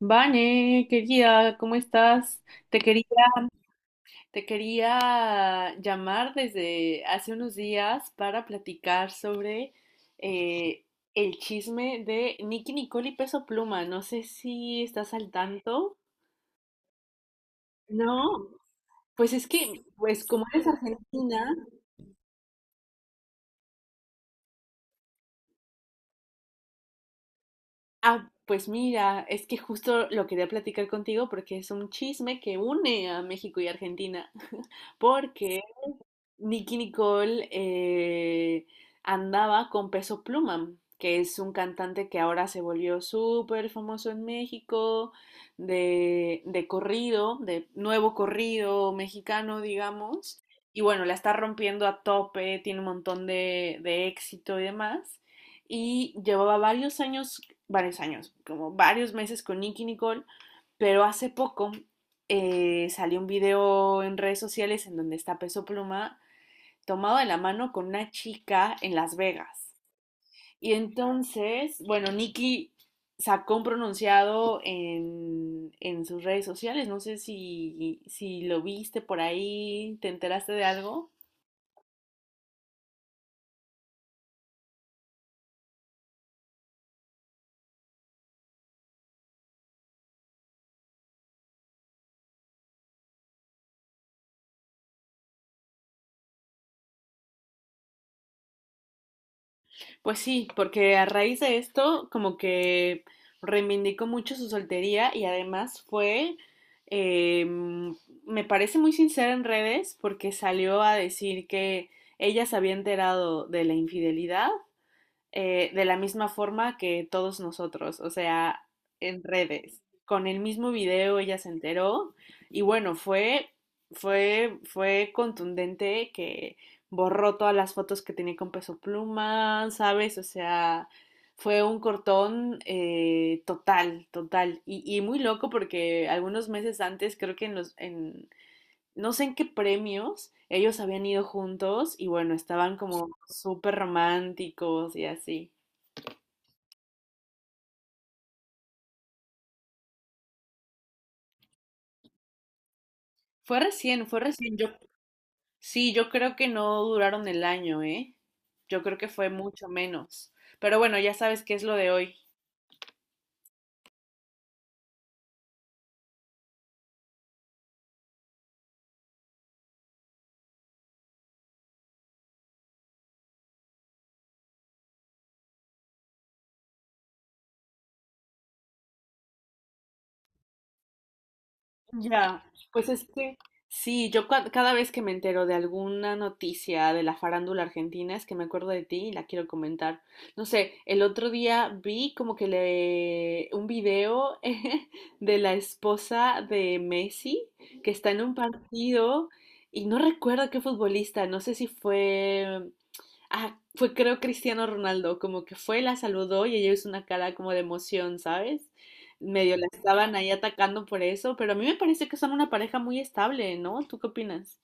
Vane, querida, ¿cómo estás? Te quería, te quería llamar desde hace unos días para platicar sobre eh, el chisme de Nicki Nicole y Peso Pluma. No sé si estás al tanto. No, pues es que, pues como eres argentina, pues mira, es que justo lo quería platicar contigo porque es un chisme que une a México y Argentina, porque Nicki Nicole andaba con Peso Pluma, que es un cantante que ahora se volvió súper famoso en México, de corrido, de nuevo corrido mexicano, digamos. Y bueno, la está rompiendo a tope, tiene un montón de éxito y demás. Y llevaba varios años, como varios meses con Nicki Nicole, pero hace poco salió un video en redes sociales en donde está Peso Pluma tomado de la mano con una chica en Las Vegas. Y entonces, bueno, Nicky sacó un pronunciado en sus redes sociales. No sé si, si lo viste por ahí, te enteraste de algo. Pues sí, porque a raíz de esto, como que reivindicó mucho su soltería y además eh, me parece muy sincera en redes porque salió a decir que ella se había enterado de la infidelidad de la misma forma que todos nosotros, o sea, en redes. Con el mismo video ella se enteró y bueno, fue contundente que borró todas las fotos que tenía con Peso Pluma, ¿sabes? O sea, fue un cortón total, total. Y muy loco porque algunos meses antes, creo que en no sé en qué premios, ellos habían ido juntos y bueno, estaban como súper románticos y así. Fue recién, fue recién. Yo, sí, yo creo que no duraron el año, ¿eh? Yo creo que fue mucho menos. Pero bueno, ya sabes qué es lo de hoy. Ya, pues es que sí, yo cada vez que me entero de alguna noticia de la farándula argentina es que me acuerdo de ti y la quiero comentar. No sé, el otro día vi como que le un video de la esposa de Messi que está en un partido y no recuerdo qué futbolista, no sé si fue Ah, fue creo Cristiano Ronaldo, como que fue, la saludó y ella hizo una cara como de emoción, ¿sabes? Medio la estaban ahí atacando por eso, pero a mí me parece que son una pareja muy estable, ¿no? ¿Tú qué opinas?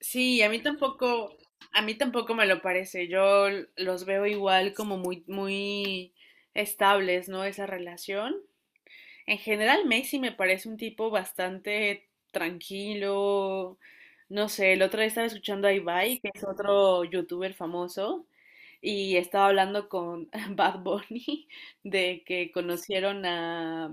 Sí, a mí tampoco me lo parece. Los veo igual como muy, muy estables, ¿no? Esa relación. En general, Messi me parece un tipo bastante tranquilo. No sé, el otro día estaba escuchando a Ibai, que es otro youtuber famoso, y estaba hablando con Bad Bunny de que conocieron a,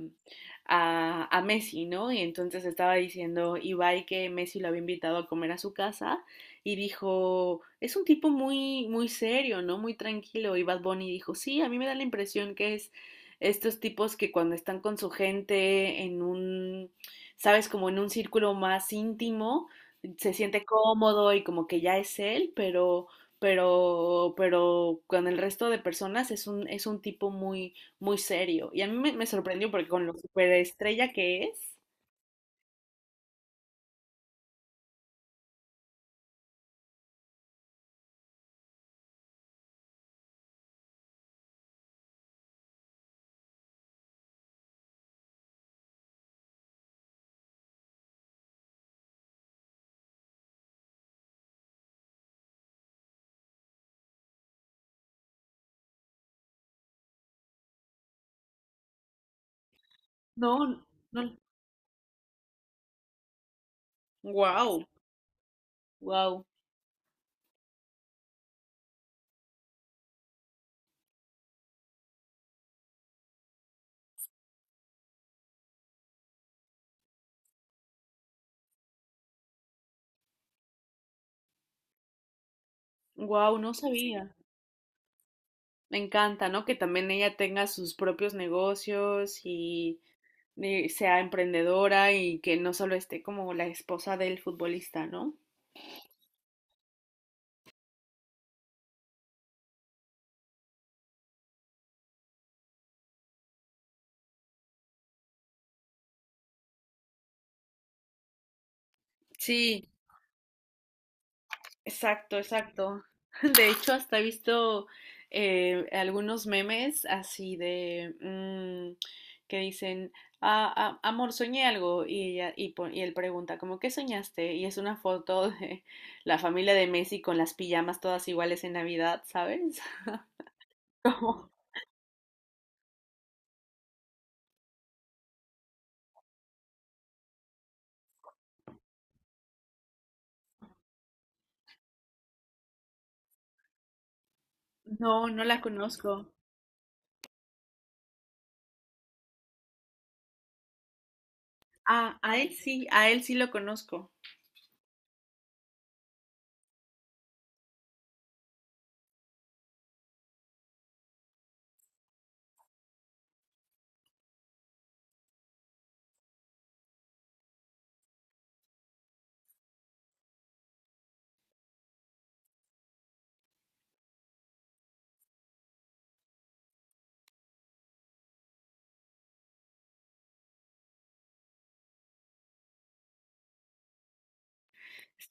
a, a Messi, ¿no? Y entonces estaba diciendo Ibai que Messi lo había invitado a comer a su casa y dijo, es un tipo muy, muy serio, ¿no? Muy tranquilo. Y Bad Bunny dijo, sí, a mí me da la impresión que es estos tipos que cuando están con su gente en un, sabes, como en un círculo más íntimo, se siente cómodo y como que ya es él, pero, pero con el resto de personas es un tipo muy, muy serio. Y a mí me, me sorprendió porque con lo superestrella que es, no, no, wow, wow, wow, no sabía. Me encanta, ¿no? Que también ella tenga sus propios negocios y, sea emprendedora y que no solo esté como la esposa del futbolista, ¿no? Sí, exacto, exacto. De hecho, hasta he visto algunos memes así de que dicen, "Ah, ah, amor, soñé algo. Y, ella, y, y él pregunta, como, ¿qué soñaste? Y es una foto de la familia de Messi con las pijamas todas iguales en Navidad, ¿sabes? Como, no, no la conozco. Ah, a él sí lo conozco.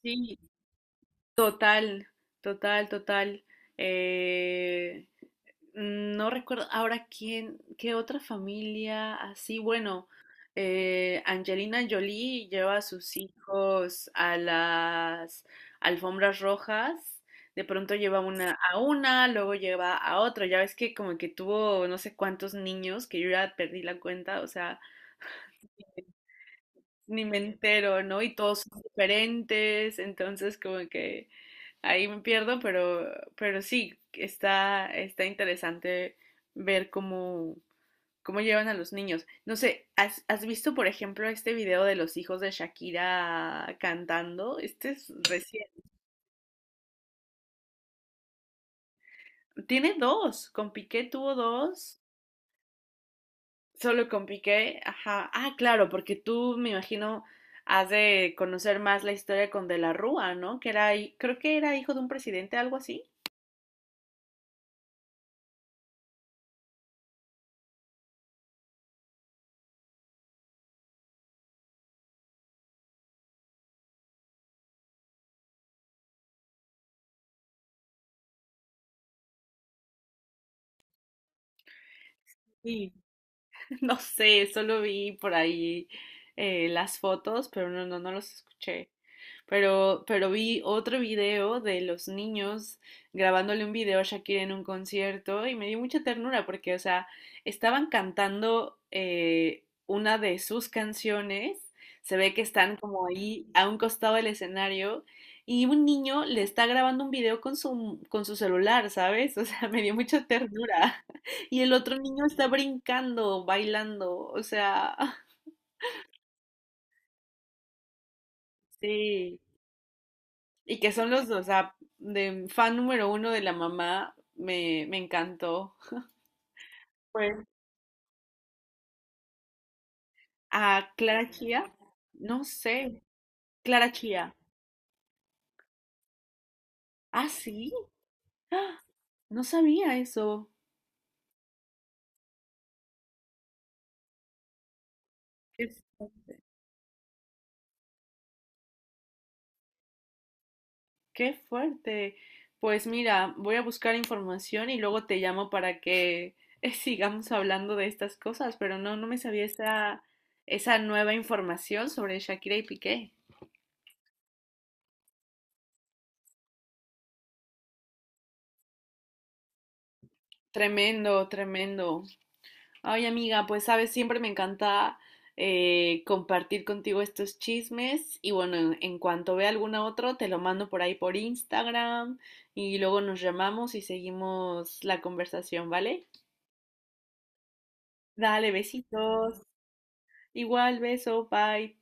Sí, total, total, total. Eh, no recuerdo ahora quién, qué otra familia así. Bueno, Angelina Jolie lleva a sus hijos a las alfombras rojas. De pronto lleva una a una, luego lleva a otro. Ya ves que como que tuvo no sé cuántos niños, que yo ya perdí la cuenta, o sea, ni me entero, ¿no? Y todos son diferentes, entonces como que ahí me pierdo, pero sí, está, está interesante ver cómo, cómo llevan a los niños. No sé, ¿has, has visto, por ejemplo, este video de los hijos de Shakira cantando? Este es recién. Tiene dos, con Piqué tuvo dos, solo con Piqué, ajá. Ah, claro, porque tú me imagino has de conocer más la historia con De la Rúa, ¿no? Que era, creo que era hijo de un presidente, algo así. Sí, no sé, solo vi por ahí las fotos, pero no, no, no los escuché. Pero vi otro video de los niños grabándole un video a Shakira en un concierto y me dio mucha ternura porque, o sea, estaban cantando una de sus canciones, se ve que están como ahí a un costado del escenario y un niño le está grabando un video con su celular, ¿sabes? O sea, me dio mucha ternura. Y el otro niño está brincando, bailando, o sea, sí. Y que son los dos, o sea, de fan número uno de la mamá, me encantó. Pues a Clara Chía, no sé, Clara Chía. Ah, sí, ¡ah! No sabía eso. Qué, fu- qué fuerte. Pues mira, voy a buscar información y luego te llamo para que sigamos hablando de estas cosas, pero no, no me sabía esa, esa nueva información sobre Shakira y Piqué. Tremendo, tremendo. Ay, amiga, pues sabes, siempre me encanta compartir contigo estos chismes y bueno, en cuanto vea alguna otro, te lo mando por ahí por Instagram y luego nos llamamos y seguimos la conversación, ¿vale? Dale, besitos. Igual, beso, bye.